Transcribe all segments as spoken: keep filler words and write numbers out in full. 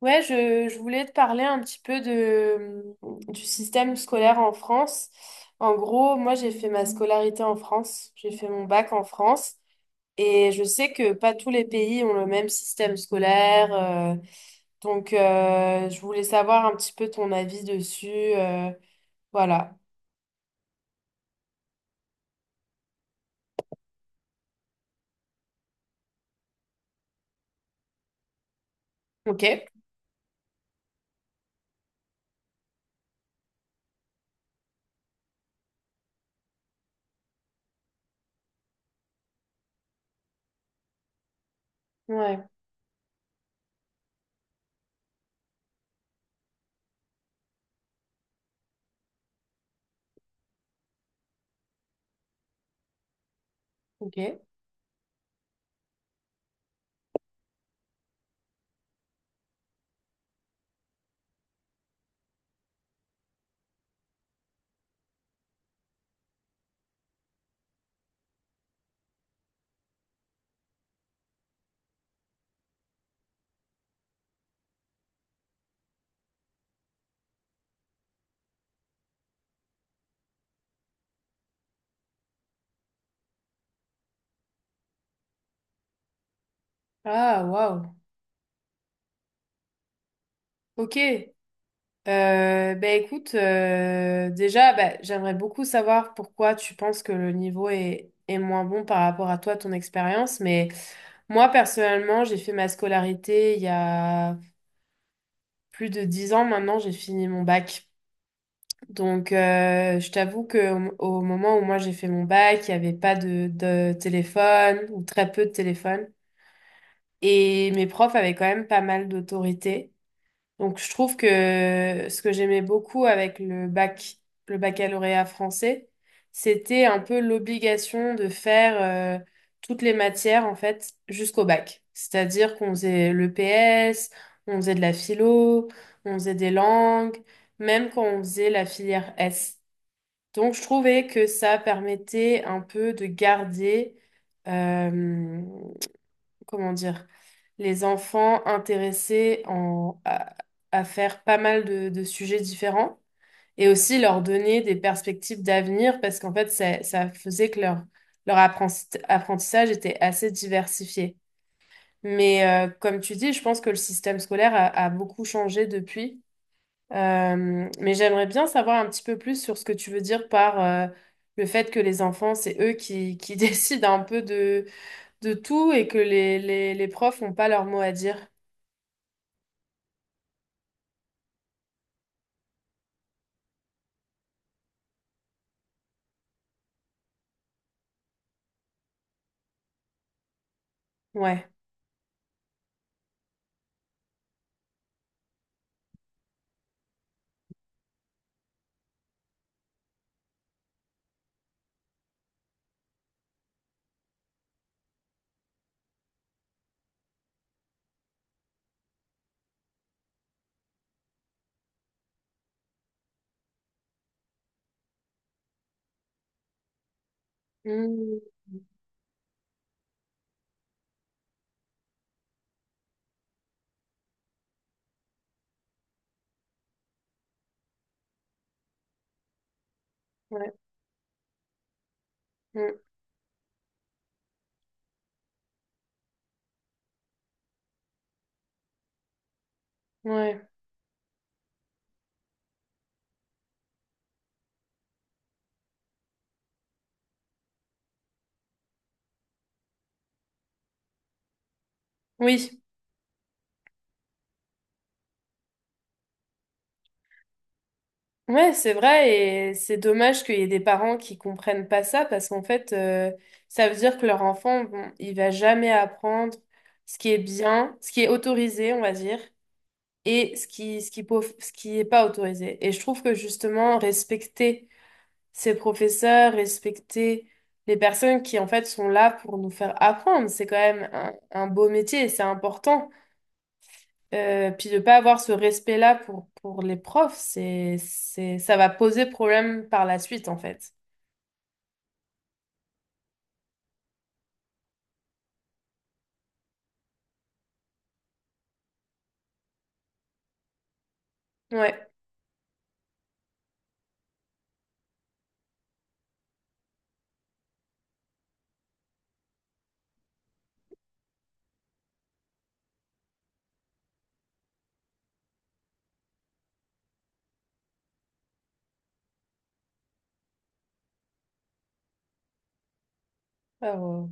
Ouais, je, je voulais te parler un petit peu de, du système scolaire en France. En gros, moi, j'ai fait ma scolarité en France, j'ai fait mon bac en France, et je sais que pas tous les pays ont le même système scolaire. euh, donc, euh, je voulais savoir un petit peu ton avis dessus. euh, voilà. Ok. Ouais, ok. Ah, waouh. Ok. Euh, ben écoute, euh, déjà, ben, j'aimerais beaucoup savoir pourquoi tu penses que le niveau est, est moins bon par rapport à toi, ton expérience. Mais moi, personnellement, j'ai fait ma scolarité il y a plus de dix ans maintenant, j'ai fini mon bac. Donc, euh, je t'avoue que au, au moment où moi j'ai fait mon bac, il n'y avait pas de, de téléphone ou très peu de téléphone. Et mes profs avaient quand même pas mal d'autorité. Donc, je trouve que ce que j'aimais beaucoup avec le bac, le baccalauréat français, c'était un peu l'obligation de faire euh, toutes les matières, en fait, jusqu'au bac. C'est-à-dire qu'on faisait le P S, on faisait de la philo, on faisait des langues, même quand on faisait la filière S. Donc, je trouvais que ça permettait un peu de garder euh, comment dire, les enfants intéressés en, à, à faire pas mal de, de sujets différents et aussi leur donner des perspectives d'avenir parce qu'en fait, ça, ça faisait que leur, leur apprenti- apprentissage était assez diversifié. Mais euh, comme tu dis, je pense que le système scolaire a, a beaucoup changé depuis. Euh, mais j'aimerais bien savoir un petit peu plus sur ce que tu veux dire par euh, le fait que les enfants, c'est eux qui, qui décident un peu de de tout et que les, les, les profs n'ont pas leur mot à dire. Ouais. Mmh. Ouais. Mmh. Ouais. Oui. Ouais, c'est vrai et c'est dommage qu'il y ait des parents qui comprennent pas ça parce qu'en fait, euh, ça veut dire que leur enfant, bon, il va jamais apprendre ce qui est bien, ce qui est autorisé, on va dire, et ce qui, ce qui, peut- ce qui est pas autorisé. Et je trouve que justement, respecter ces professeurs, respecter les personnes qui en fait sont là pour nous faire apprendre. C'est quand même un, un beau métier et c'est important. Euh, puis de pas avoir ce respect-là pour, pour les profs, c'est, c'est, ça va poser problème par la suite en fait. Ouais. Alors,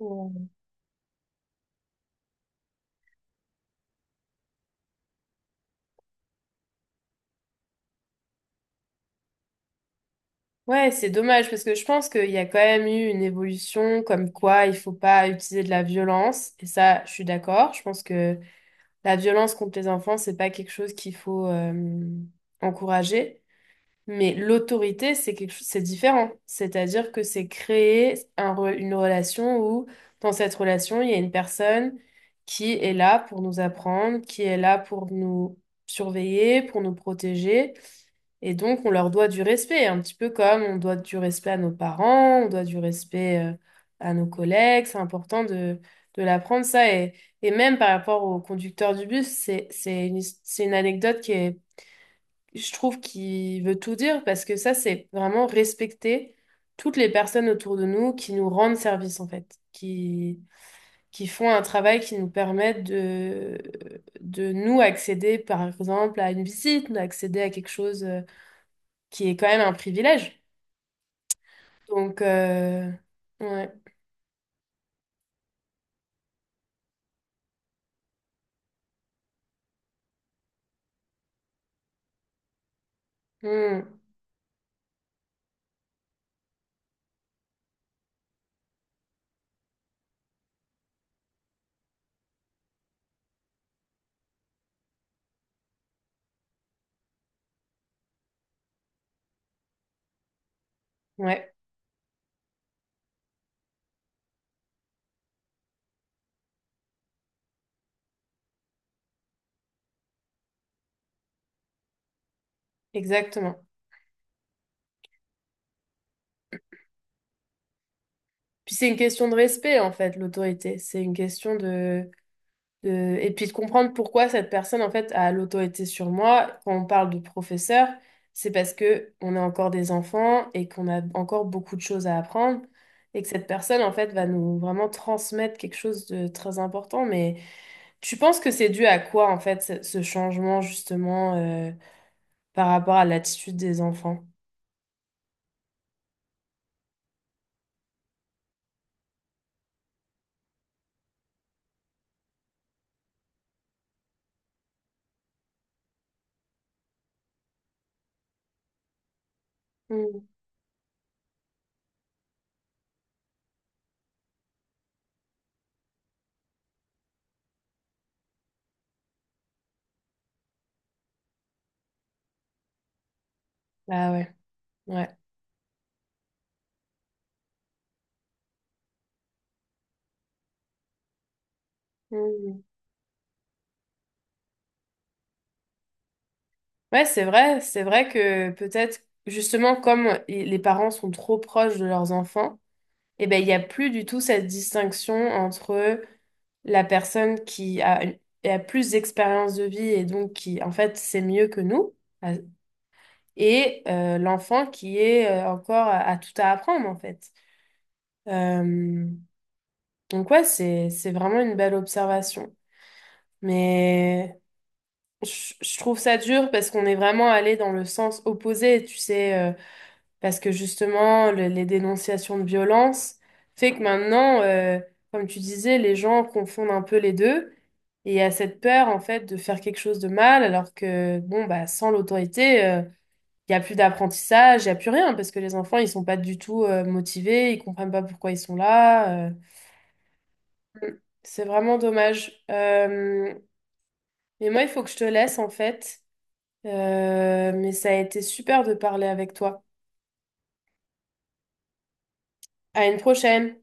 euh, ouais, c'est dommage parce que je pense qu'il y a quand même eu une évolution comme quoi il faut pas utiliser de la violence. Et ça, je suis d'accord. Je pense que la violence contre les enfants, c'est pas quelque chose qu'il faut euh, encourager. Mais l'autorité, c'est quelque chose, c'est différent. C'est-à-dire que c'est créer un re- une relation où, dans cette relation, il y a une personne qui est là pour nous apprendre, qui est là pour nous surveiller, pour nous protéger. Et donc, on leur doit du respect, un petit peu comme on doit du respect à nos parents, on doit du respect euh, à nos collègues. C'est important de, de l'apprendre, ça. Et, et même par rapport au conducteur du bus, c'est, c'est une, his- c'est une anecdote je trouve qu'il veut tout dire parce que ça, c'est vraiment respecter toutes les personnes autour de nous qui nous rendent service, en fait, qui, qui font un travail qui nous permet de, de nous accéder, par exemple, à une visite, d'accéder à quelque chose euh, qui est quand même un privilège. Donc, euh, ouais. Hmm. Ouais, exactement. Puis c'est une question de respect, en fait, l'autorité. C'est une question de... de- et puis de comprendre pourquoi cette personne, en fait, a l'autorité sur moi. Quand on parle de professeur, c'est parce que on est encore des enfants et qu'on a encore beaucoup de choses à apprendre et que cette personne, en fait, va nous vraiment transmettre quelque chose de très important. Mais tu penses que c'est dû à quoi, en fait, ce, ce changement, justement, euh, par rapport à l'attitude des enfants? Mm. Ah ouais, ouais. Mm. Ouais, c'est vrai, c'est vrai que peut-être, justement, comme i- les parents sont trop proches de leurs enfants, eh ben, il n'y a plus du tout cette distinction entre la personne qui a, une- a plus d'expérience de vie et donc qui, en fait, sait mieux que nous, à- et euh, l'enfant qui est euh, encore à, à tout à apprendre, en fait. Euh, donc, ouais, c'est, c'est vraiment une belle observation. Mais je, je trouve ça dur parce qu'on est vraiment allé dans le sens opposé, tu sais. euh, Parce que justement, le- les dénonciations de violence fait que maintenant, euh, comme tu disais, les gens confondent un peu les deux. Et il y a cette peur, en fait, de faire quelque chose de mal, alors que, bon, bah, sans l'autorité, euh, il y n'y a plus d'apprentissage, il n'y a plus rien, parce que les enfants, ils sont pas du tout, euh, motivés, ils comprennent pas pourquoi ils sont là. euh. Mm. C'est vraiment dommage. Euh, mais moi, il faut que je te laisse, en fait. Euh, mais ça a été super de parler avec toi. À une prochaine!